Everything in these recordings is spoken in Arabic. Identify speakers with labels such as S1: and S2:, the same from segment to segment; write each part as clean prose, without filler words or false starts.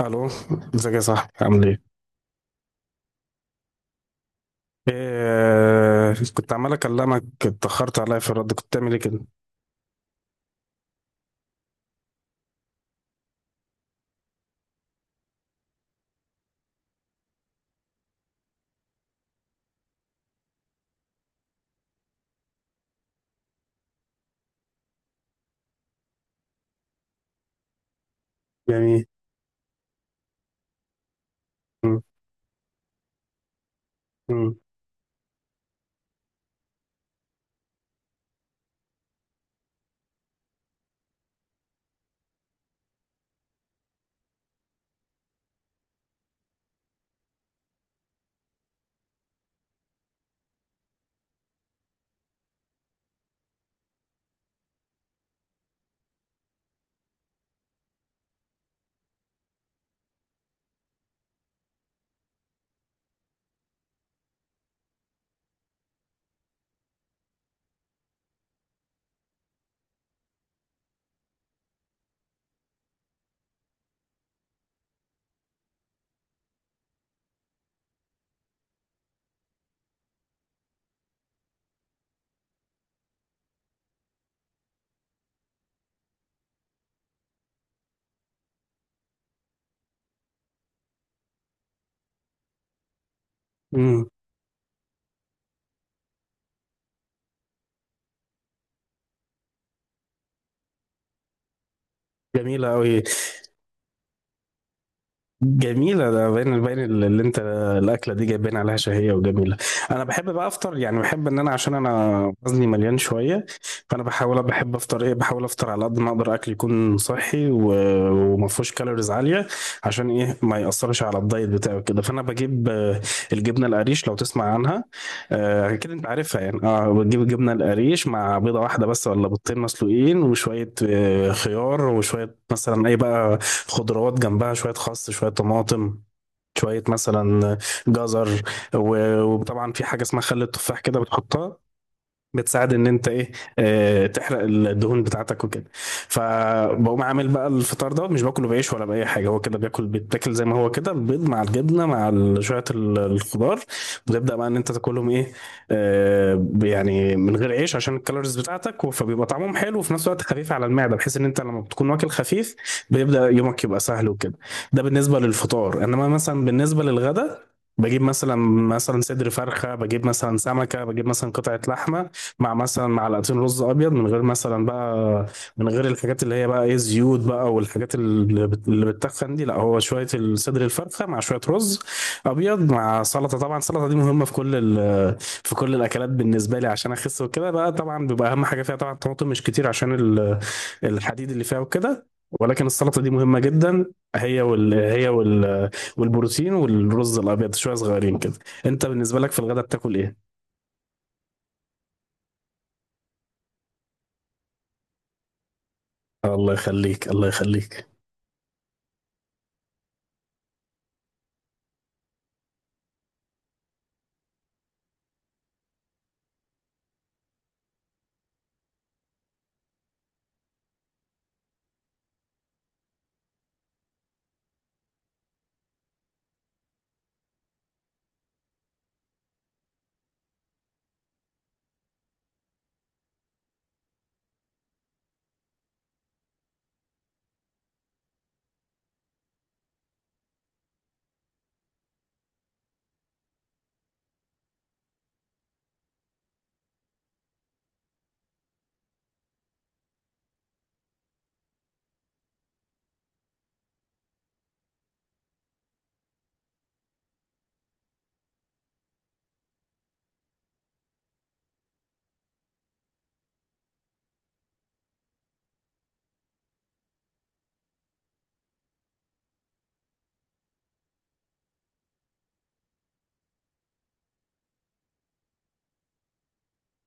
S1: الو، ازيك يا صاحبي؟ عامل ايه؟ إيه، كنت عمال اكلمك، اتاخرت عليا في الرد. كنت بتعمل ايه كده؟ جميل. مم، مم، مم. جميلة أوي. جميلة، ده باين اللي أنت، الأكلة دي جايبين عليها شهية وجميلة. أنا بحب بقى أفطر، يعني بحب إن أنا، عشان أنا وزني مليان شوية، فأنا بحاول، بحب أفطر، بحاول أفطر على قد ما أقدر، أكل يكون صحي وما فيهوش كالوريز عالية. عشان إيه ما يأثرش على الدايت بتاعي كده. فأنا بجيب الجبنة القريش، لو تسمع عنها. اكيد انت عارفها، يعني اه، بتجيب الجبنه القريش مع بيضه واحده بس، ولا بيضتين مسلوقين، وشويه خيار، وشويه مثلا اي بقى، خضروات جنبها، شويه خس، شويه طماطم، شويه مثلا جزر. وطبعا في حاجه اسمها خل التفاح كده بتحطها، بتساعد ان انت ايه، آه، تحرق الدهون بتاعتك وكده. فبقوم عامل بقى الفطار دوت، مش باكله بعيش ولا باي حاجه، هو كده بياكل، بيتاكل زي ما هو كده، البيض مع الجبنه مع شويه الخضار، وتبدا بقى ان انت تاكلهم ايه، آه، يعني من غير عيش عشان الكالوريز بتاعتك، فبيبقى طعمهم حلو، وفي نفس الوقت خفيف على المعده، بحيث ان انت لما بتكون واكل خفيف بيبدا يومك يبقى سهل وكده. ده بالنسبه للفطار. انما مثلا بالنسبه للغدا، بجيب مثلا، مثلا صدر فرخه، بجيب مثلا سمكه، بجيب مثلا قطعه لحمه، مع مثلا معلقتين رز ابيض، من غير مثلا بقى، من غير الحاجات اللي هي بقى ايه، زيوت بقى، والحاجات اللي بتتخن دي، لا، هو شويه الصدر الفرخه مع شويه رز ابيض، مع سلطه. طبعا السلطه دي مهمه في كل في كل الاكلات بالنسبه لي، عشان اخس وكده بقى. طبعا بيبقى اهم حاجه فيها طبعا الطماطم، مش كتير، عشان الحديد اللي فيها وكده. ولكن السلطه دي مهمه جدا. هي وال والبروتين والرز الابيض شويه صغيرين كده. انت بالنسبه لك في الغداء بتاكل ايه؟ الله يخليك، الله يخليك.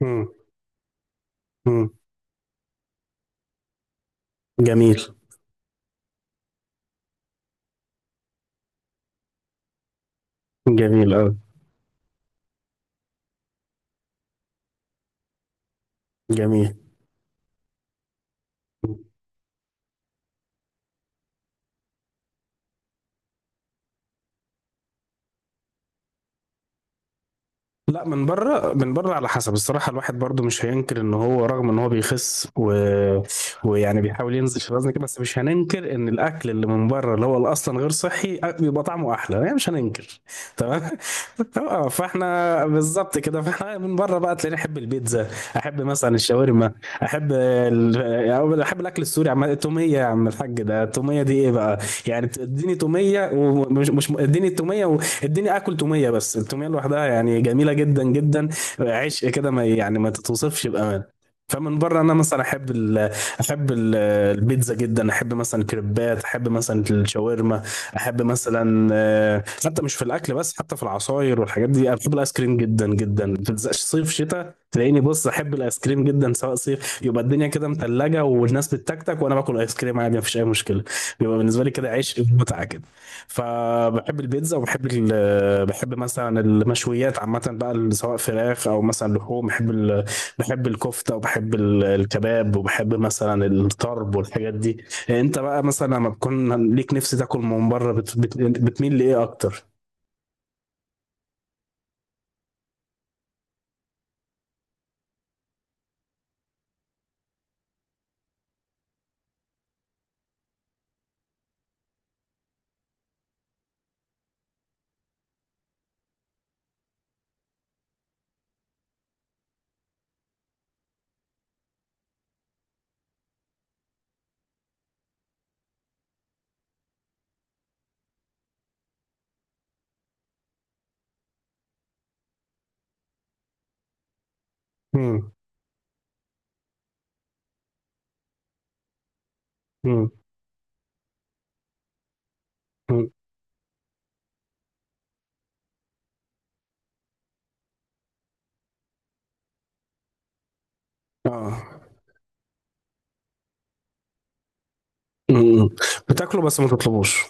S1: مم. مم. جميل. جميل أوي. جميل. لا، من بره، من بره على حسب. الصراحه الواحد برضو مش هينكر ان هو رغم ان هو بيخس ويعني بيحاول ينزل في الوزن كده، بس مش هننكر ان الاكل اللي من بره، اللي هو اللي اصلا غير صحي، بيبقى طعمه احلى، يعني مش هننكر. تمام اه، فاحنا بالظبط كده. فاحنا من بره بقى تلاقيني احب البيتزا، احب مثلا الشاورما، احب يعني احب الاكل السوري. عم التوميه، يا عم الحاج، ده التوميه دي ايه بقى! يعني اديني توميه، ومش مش اديني التوميه، اديني اكل توميه بس، التوميه لوحدها يعني جميله جدا جدا، عشق كده، ما يعني ما تتوصفش بامان. فمن بره انا مثلا احب احب ال- البيتزا جدا، احب مثلا الكريبات، احب مثلا الشاورما، احب مثلا حتى مش في الاكل بس، حتى في العصاير والحاجات دي، انا بحب الايس كريم جدا جدا، ما بتلزقش صيف شتاء، تلاقيني بص، احب الايس كريم جدا، سواء صيف، يبقى الدنيا كده متلجه والناس بتتكتك وانا باكل ايس كريم عادي، مفيش اي مشكله. بيبقى بالنسبه لي كده عيش متعه كده. فبحب البيتزا، وبحب بحب مثلا المشويات عامة بقى، سواء فراخ أو مثلا لحوم. بحب بحب الكفتة، وبحب الكباب، وبحب مثلا الطرب والحاجات دي. أنت بقى مثلا لما بتكون ليك نفس تاكل من بره، بتميل لإيه أكتر؟ مم. مم. مم. آه. مم. بتاكله بس ما تطلبوش.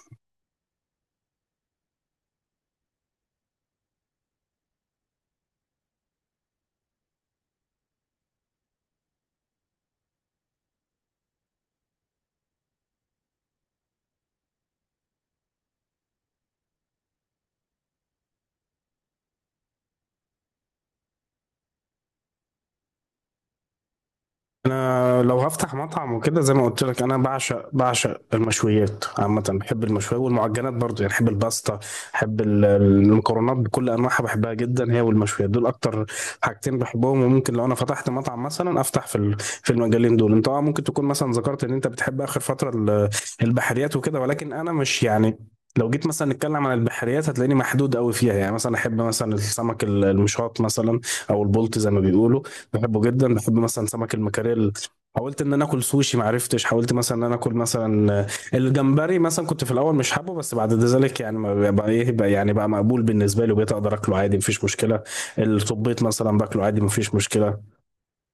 S1: انا لو هفتح مطعم وكده، زي ما قلت لك، انا بعشق المشويات عامه، بحب المشويات والمعجنات برضو، يعني بحب الباستا، بحب المكرونات بكل انواعها، بحبها جدا، هي والمشويات دول اكتر حاجتين بحبهم. وممكن لو انا فتحت مطعم مثلا افتح في في المجالين دول. انت اه ممكن تكون مثلا ذكرت ان انت بتحب اخر فتره البحريات وكده، ولكن انا مش يعني، لو جيت مثلا نتكلم عن البحريات هتلاقيني محدود قوي فيها، يعني مثلا احب مثلا السمك المشاط مثلا، او البلطي زي ما بيقولوا، بحبه جدا. بحب مثلا سمك المكاريل. حاولت ان انا اكل سوشي ما عرفتش. حاولت مثلا ان انا اكل مثلا الجمبري مثلا، كنت في الاول مش حابه، بس بعد ذلك يعني ما بقى ايه بقى، يعني بقى مقبول بالنسبه لي، وبقيت اقدر اكله عادي مفيش مشكله. الطبيط مثلا باكله عادي مفيش مشكله.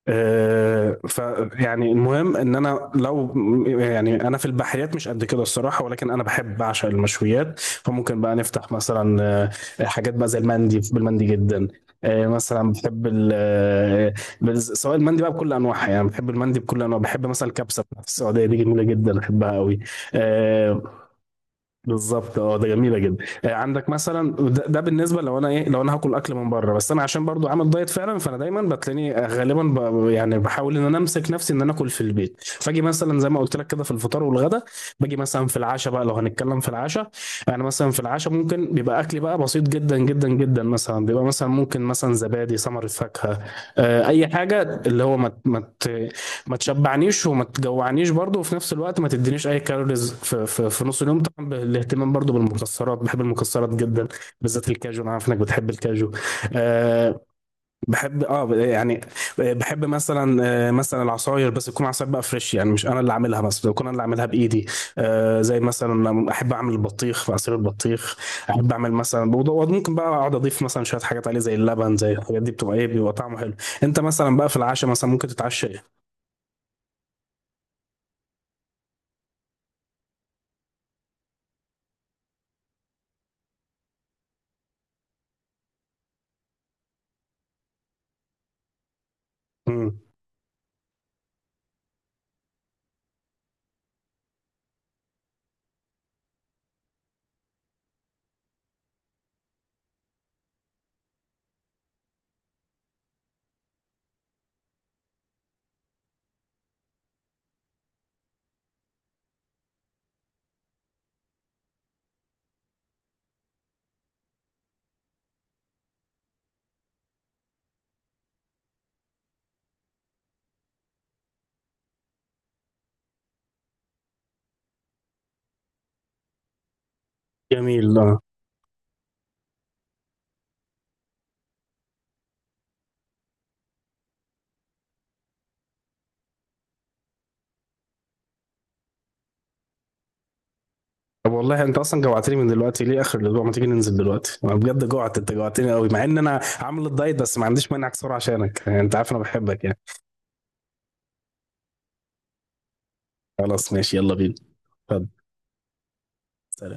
S1: آه، فيعني المهم ان انا لو، يعني انا في البحريات مش قد كده الصراحه، ولكن انا بحب، بعشق المشويات، فممكن بقى نفتح مثلا حاجات بقى زي المندي، بحب المندي جدا. مثلا بحب سواء المندي بقى بكل انواعها، يعني بحب المندي بكل انواع. بحب مثلا الكبسه بتاعت السعوديه دي، جميله جدا، بحبها قوي. بالظبط، اه، ده جميله جدا. آه، عندك مثلا ده بالنسبه لو انا ايه، لو انا هاكل اكل من بره. بس انا عشان برضو عامل دايت فعلا، فانا دايما بتلاقيني آه، غالبا يعني بحاول ان انا امسك نفسي ان انا اكل في البيت. فاجي مثلا زي ما قلت لك كده في الفطار والغدا. باجي مثلا في العشاء بقى، لو هنتكلم في العشاء. انا مثلا في العشاء ممكن بيبقى اكلي بقى بسيط جدا جدا جدا، مثلا بيبقى مثلا ممكن مثلا زبادي، ثمر الفاكهه، اي حاجه اللي هو ما تشبعنيش وما تجوعنيش برضو، وفي نفس الوقت ما تدينيش اي كالوريز في نص اليوم. طبعا بالاهتمام برضو بالمكسرات، بحب المكسرات جدا، بالذات الكاجو، انا عارف انك بتحب الكاجو. أه، بحب اه يعني بحب مثلا مثلا العصاير، بس تكون عصاير بقى فريش، يعني مش انا اللي عاملها، مثلا تكون انا اللي عاملها بايدي. أه، زي مثلا احب اعمل البطيخ في عصير البطيخ. احب اعمل مثلا ممكن بقى اقعد اضيف مثلا شويه حاجات عليه زي اللبن، زي الحاجات دي، بتبقى ايه، بيبقى طعمه حلو. انت مثلا بقى في العشاء مثلا ممكن تتعشى ايه؟ جميل، اه. طب والله انت اصلا جوعتني من دلوقتي، ليه اخر الاسبوع؟ ما تيجي ننزل دلوقتي، انا بجد جوعت، انت جوعتني قوي، مع ان انا عامل الدايت، بس ما عنديش مانع اكسره عشانك، يعني انت عارف انا بحبك يعني. خلاص ماشي، يلا بينا. اتفضل، سلام.